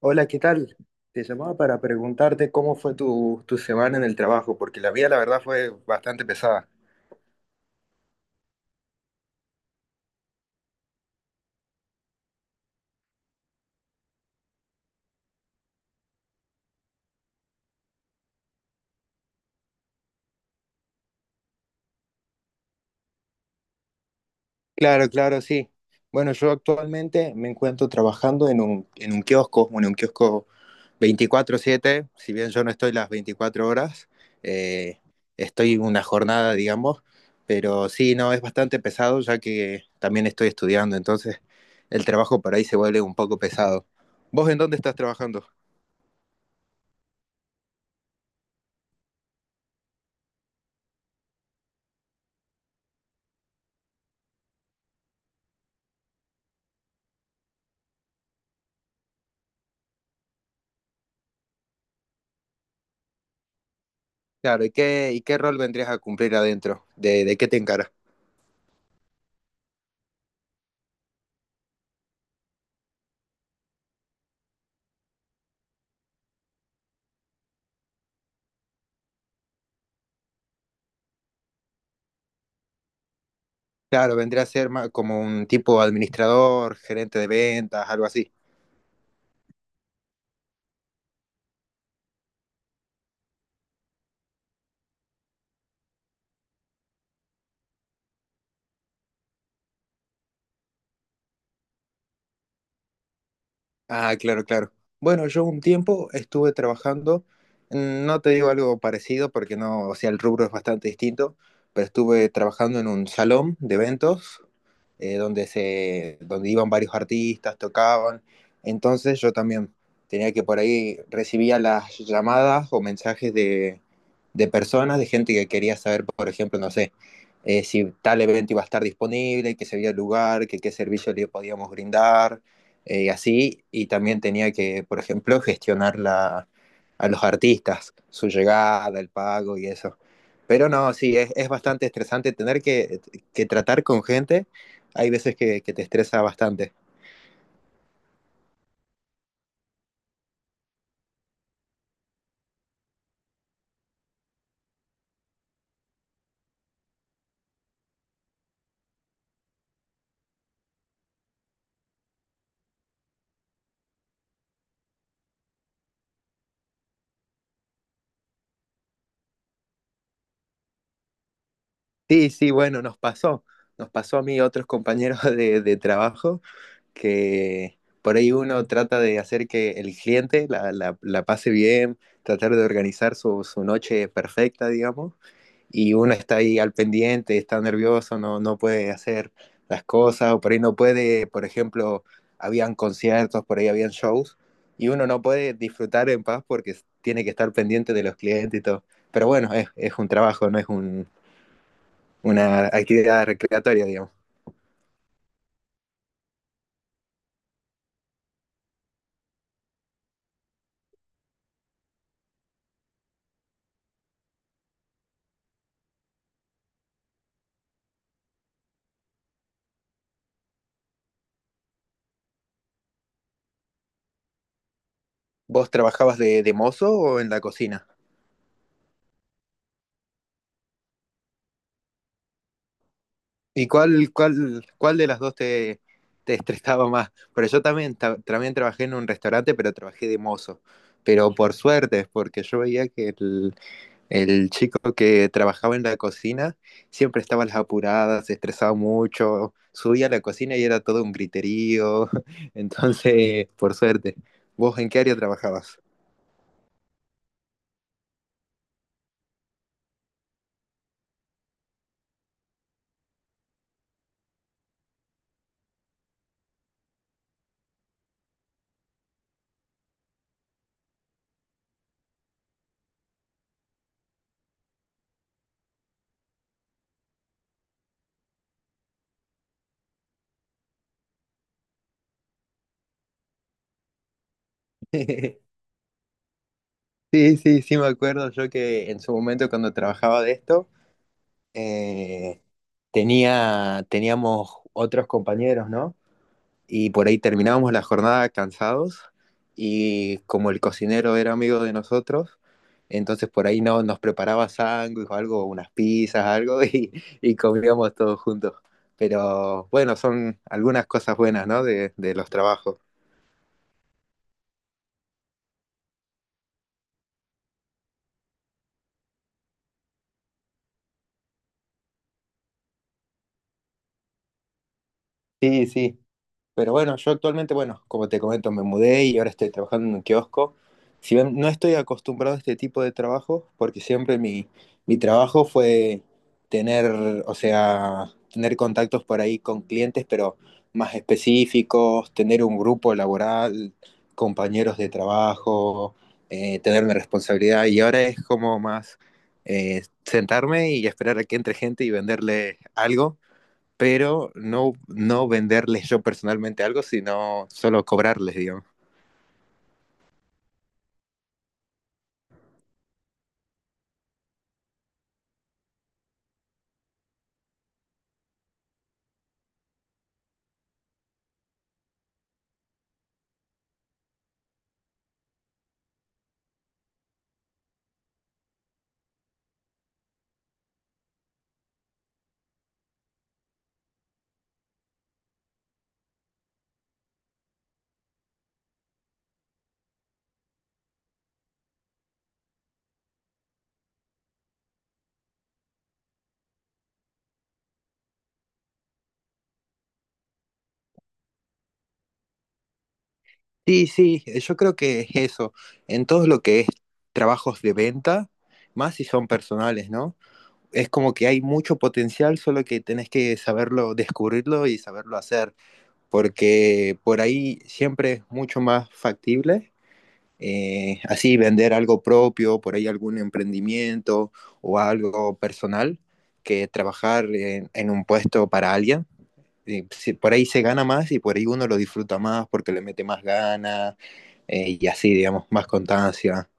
Hola, ¿qué tal? Te llamaba para preguntarte cómo fue tu semana en el trabajo, porque la mía, la verdad, fue bastante pesada. Claro, claro, sí. Bueno, yo actualmente me encuentro trabajando en un kiosco, bueno, un kiosco 24/7, si bien yo no estoy las 24 horas, eh, estoy una jornada, digamos, pero sí, no, es bastante pesado ya que también estoy estudiando, entonces el trabajo por ahí se vuelve un poco pesado. ¿Vos en dónde estás trabajando? Claro, ¿y qué rol vendrías a cumplir adentro? ¿De qué te encaras? Claro, vendría a ser como un tipo administrador, gerente de ventas, algo así. Ah, claro, claro. Bueno, yo un tiempo estuve trabajando, no te digo algo parecido porque no, o sea, el rubro es bastante distinto, pero estuve trabajando en un salón de eventos donde se, donde iban varios artistas, tocaban. Entonces yo también tenía que por ahí recibía las llamadas o mensajes de personas, de gente que quería saber, por ejemplo, no sé, si tal evento iba a estar disponible, que se había lugar, que qué servicio le podíamos brindar así, y también tenía que, por ejemplo, gestionar la, a los artistas, su llegada, el pago y eso. Pero no, sí, es bastante estresante tener que, tratar con gente. Hay veces que, te estresa bastante. Sí, sí, bueno, nos pasó. Nos pasó a mí y a otros compañeros de trabajo que, por ahí uno trata de hacer que el cliente la pase bien, tratar de organizar su noche perfecta, digamos, y uno está ahí al pendiente, está nervioso, no puede hacer las cosas, o por ahí no puede, por ejemplo, habían conciertos, por ahí habían shows, y uno no puede disfrutar en paz porque tiene que estar pendiente de los clientes y todo. Pero bueno, es un trabajo, no es una actividad recreatoria, digamos. ¿Vos trabajabas de mozo o en la cocina? ¿Y cuál de las dos te, te estresaba más? Pero yo también, también trabajé en un restaurante, pero trabajé de mozo. Pero por suerte, porque yo veía que el chico que trabajaba en la cocina siempre estaba a las apuradas, se estresaba mucho, subía a la cocina y era todo un griterío. Entonces, por suerte. ¿Vos en qué área trabajabas? Sí, sí, sí, me acuerdo yo que en su momento cuando trabajaba de esto, eh, teníamos otros compañeros, ¿no? Y por ahí terminábamos la jornada cansados y como el cocinero era amigo de nosotros, entonces por ahí no, nos preparaba sándwich o algo, unas pizzas, algo y comíamos todos juntos. Pero bueno, son algunas cosas buenas, ¿no? De los trabajos. Sí, sí. Pero bueno, yo actualmente, bueno, como te comento, me mudé y ahora estoy trabajando en un kiosco. Si bien no estoy acostumbrado a este tipo de trabajo, porque siempre mi trabajo fue tener, o sea, tener contactos por ahí con clientes, pero más específicos, tener un grupo laboral, compañeros de trabajo, tener una responsabilidad. Y ahora es como más sentarme y esperar a que entre gente y venderle algo pero no, no venderles yo personalmente algo, sino solo cobrarles, digamos. Sí, sí, yo creo que es eso. En todo lo que es trabajos de venta, más si son personales, ¿no? Es como que hay mucho potencial, solo que tenés que saberlo, descubrirlo y saberlo hacer, porque por ahí siempre es mucho más factible. Así vender algo propio, por ahí algún emprendimiento o algo personal, que trabajar en un puesto para alguien. Por ahí se gana más y por ahí uno lo disfruta más porque le mete más ganas y así, digamos, más constancia.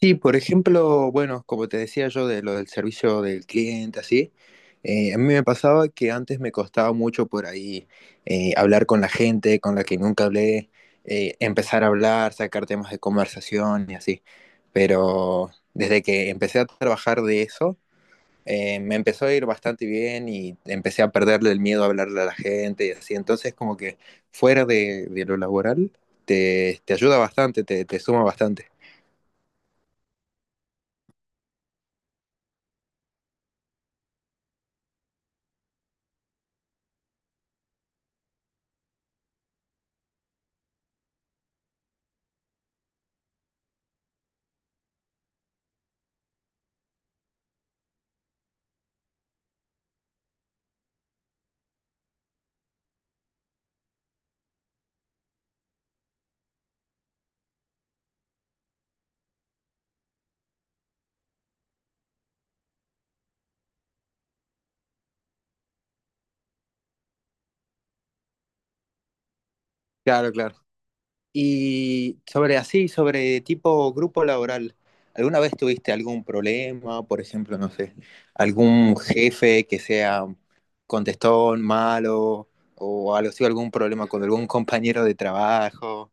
Sí, por ejemplo, bueno, como te decía yo de lo del servicio del cliente, así, a mí me pasaba que antes me costaba mucho por ahí hablar con la gente con la que nunca hablé, empezar a hablar, sacar temas de conversación y así. Pero desde que empecé a trabajar de eso, me empezó a ir bastante bien y empecé a perderle el miedo a hablarle a la gente y así. Entonces, como que fuera de lo laboral, te ayuda bastante, te suma bastante. Claro, claro. Y sobre así, sobre tipo grupo laboral, ¿alguna vez tuviste algún problema? Por ejemplo, no sé, algún jefe que sea contestón, malo, o algo así, algún problema con algún compañero de trabajo.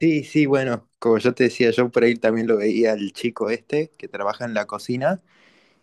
Sí, sí, bueno, como yo te decía, yo por ahí también lo veía al chico este que trabaja en la cocina.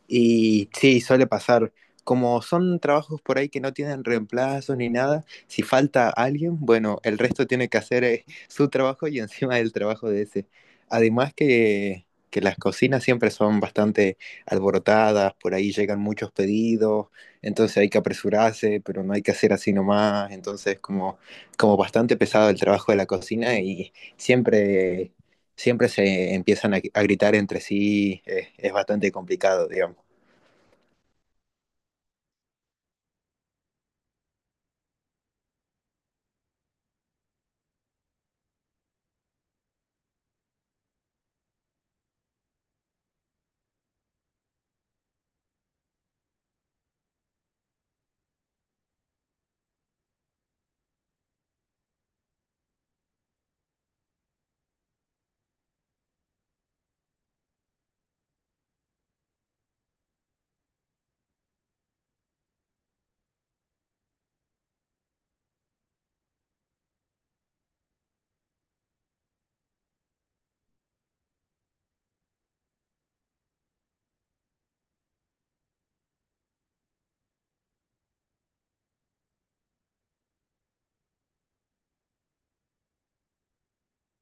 Y sí, suele pasar. Como son trabajos por ahí que no tienen reemplazos ni nada, si falta alguien, bueno, el resto tiene que hacer su trabajo y encima el trabajo de ese. Además que las cocinas siempre son bastante alborotadas, por ahí llegan muchos pedidos, entonces hay que apresurarse, pero no hay que hacer así nomás, entonces como bastante pesado el trabajo de la cocina y siempre, siempre se empiezan a gritar entre sí, es bastante complicado, digamos.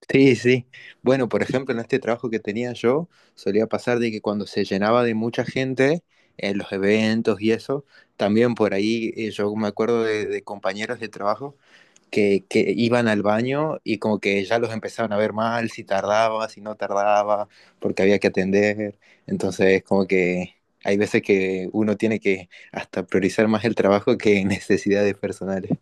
Sí, sí. Bueno, por ejemplo, en este trabajo que tenía yo, solía pasar de que cuando se llenaba de mucha gente en los eventos y eso, también por ahí yo me acuerdo de compañeros de trabajo que iban al baño y como que ya los empezaban a ver mal, si tardaba, si no tardaba, porque había que atender. Entonces, como que hay veces que uno tiene que hasta priorizar más el trabajo que necesidades personales.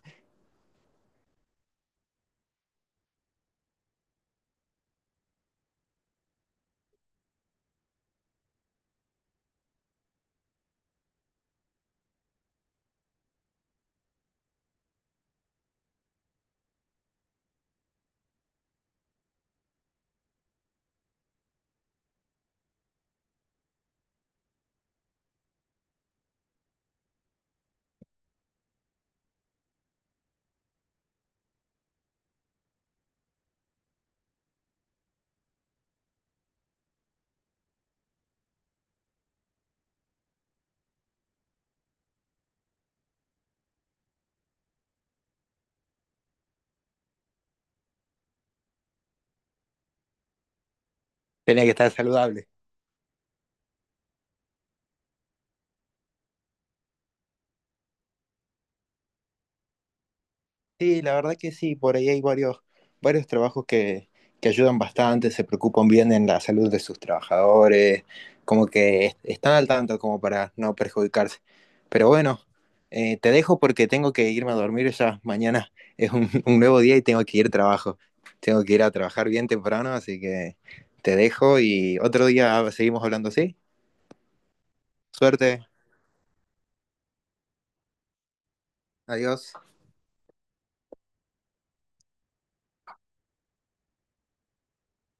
Tenía que estar saludable. Sí, la verdad que sí, por ahí hay varios, varios trabajos que ayudan bastante, se preocupan bien en la salud de sus trabajadores, como que están al tanto como para no perjudicarse. Pero bueno, te dejo porque tengo que irme a dormir ya. Mañana es un, un nuevo día y tengo que ir a trabajo. Tengo que ir a trabajar bien temprano, así que te dejo y otro día seguimos hablando, ¿sí? Suerte, adiós.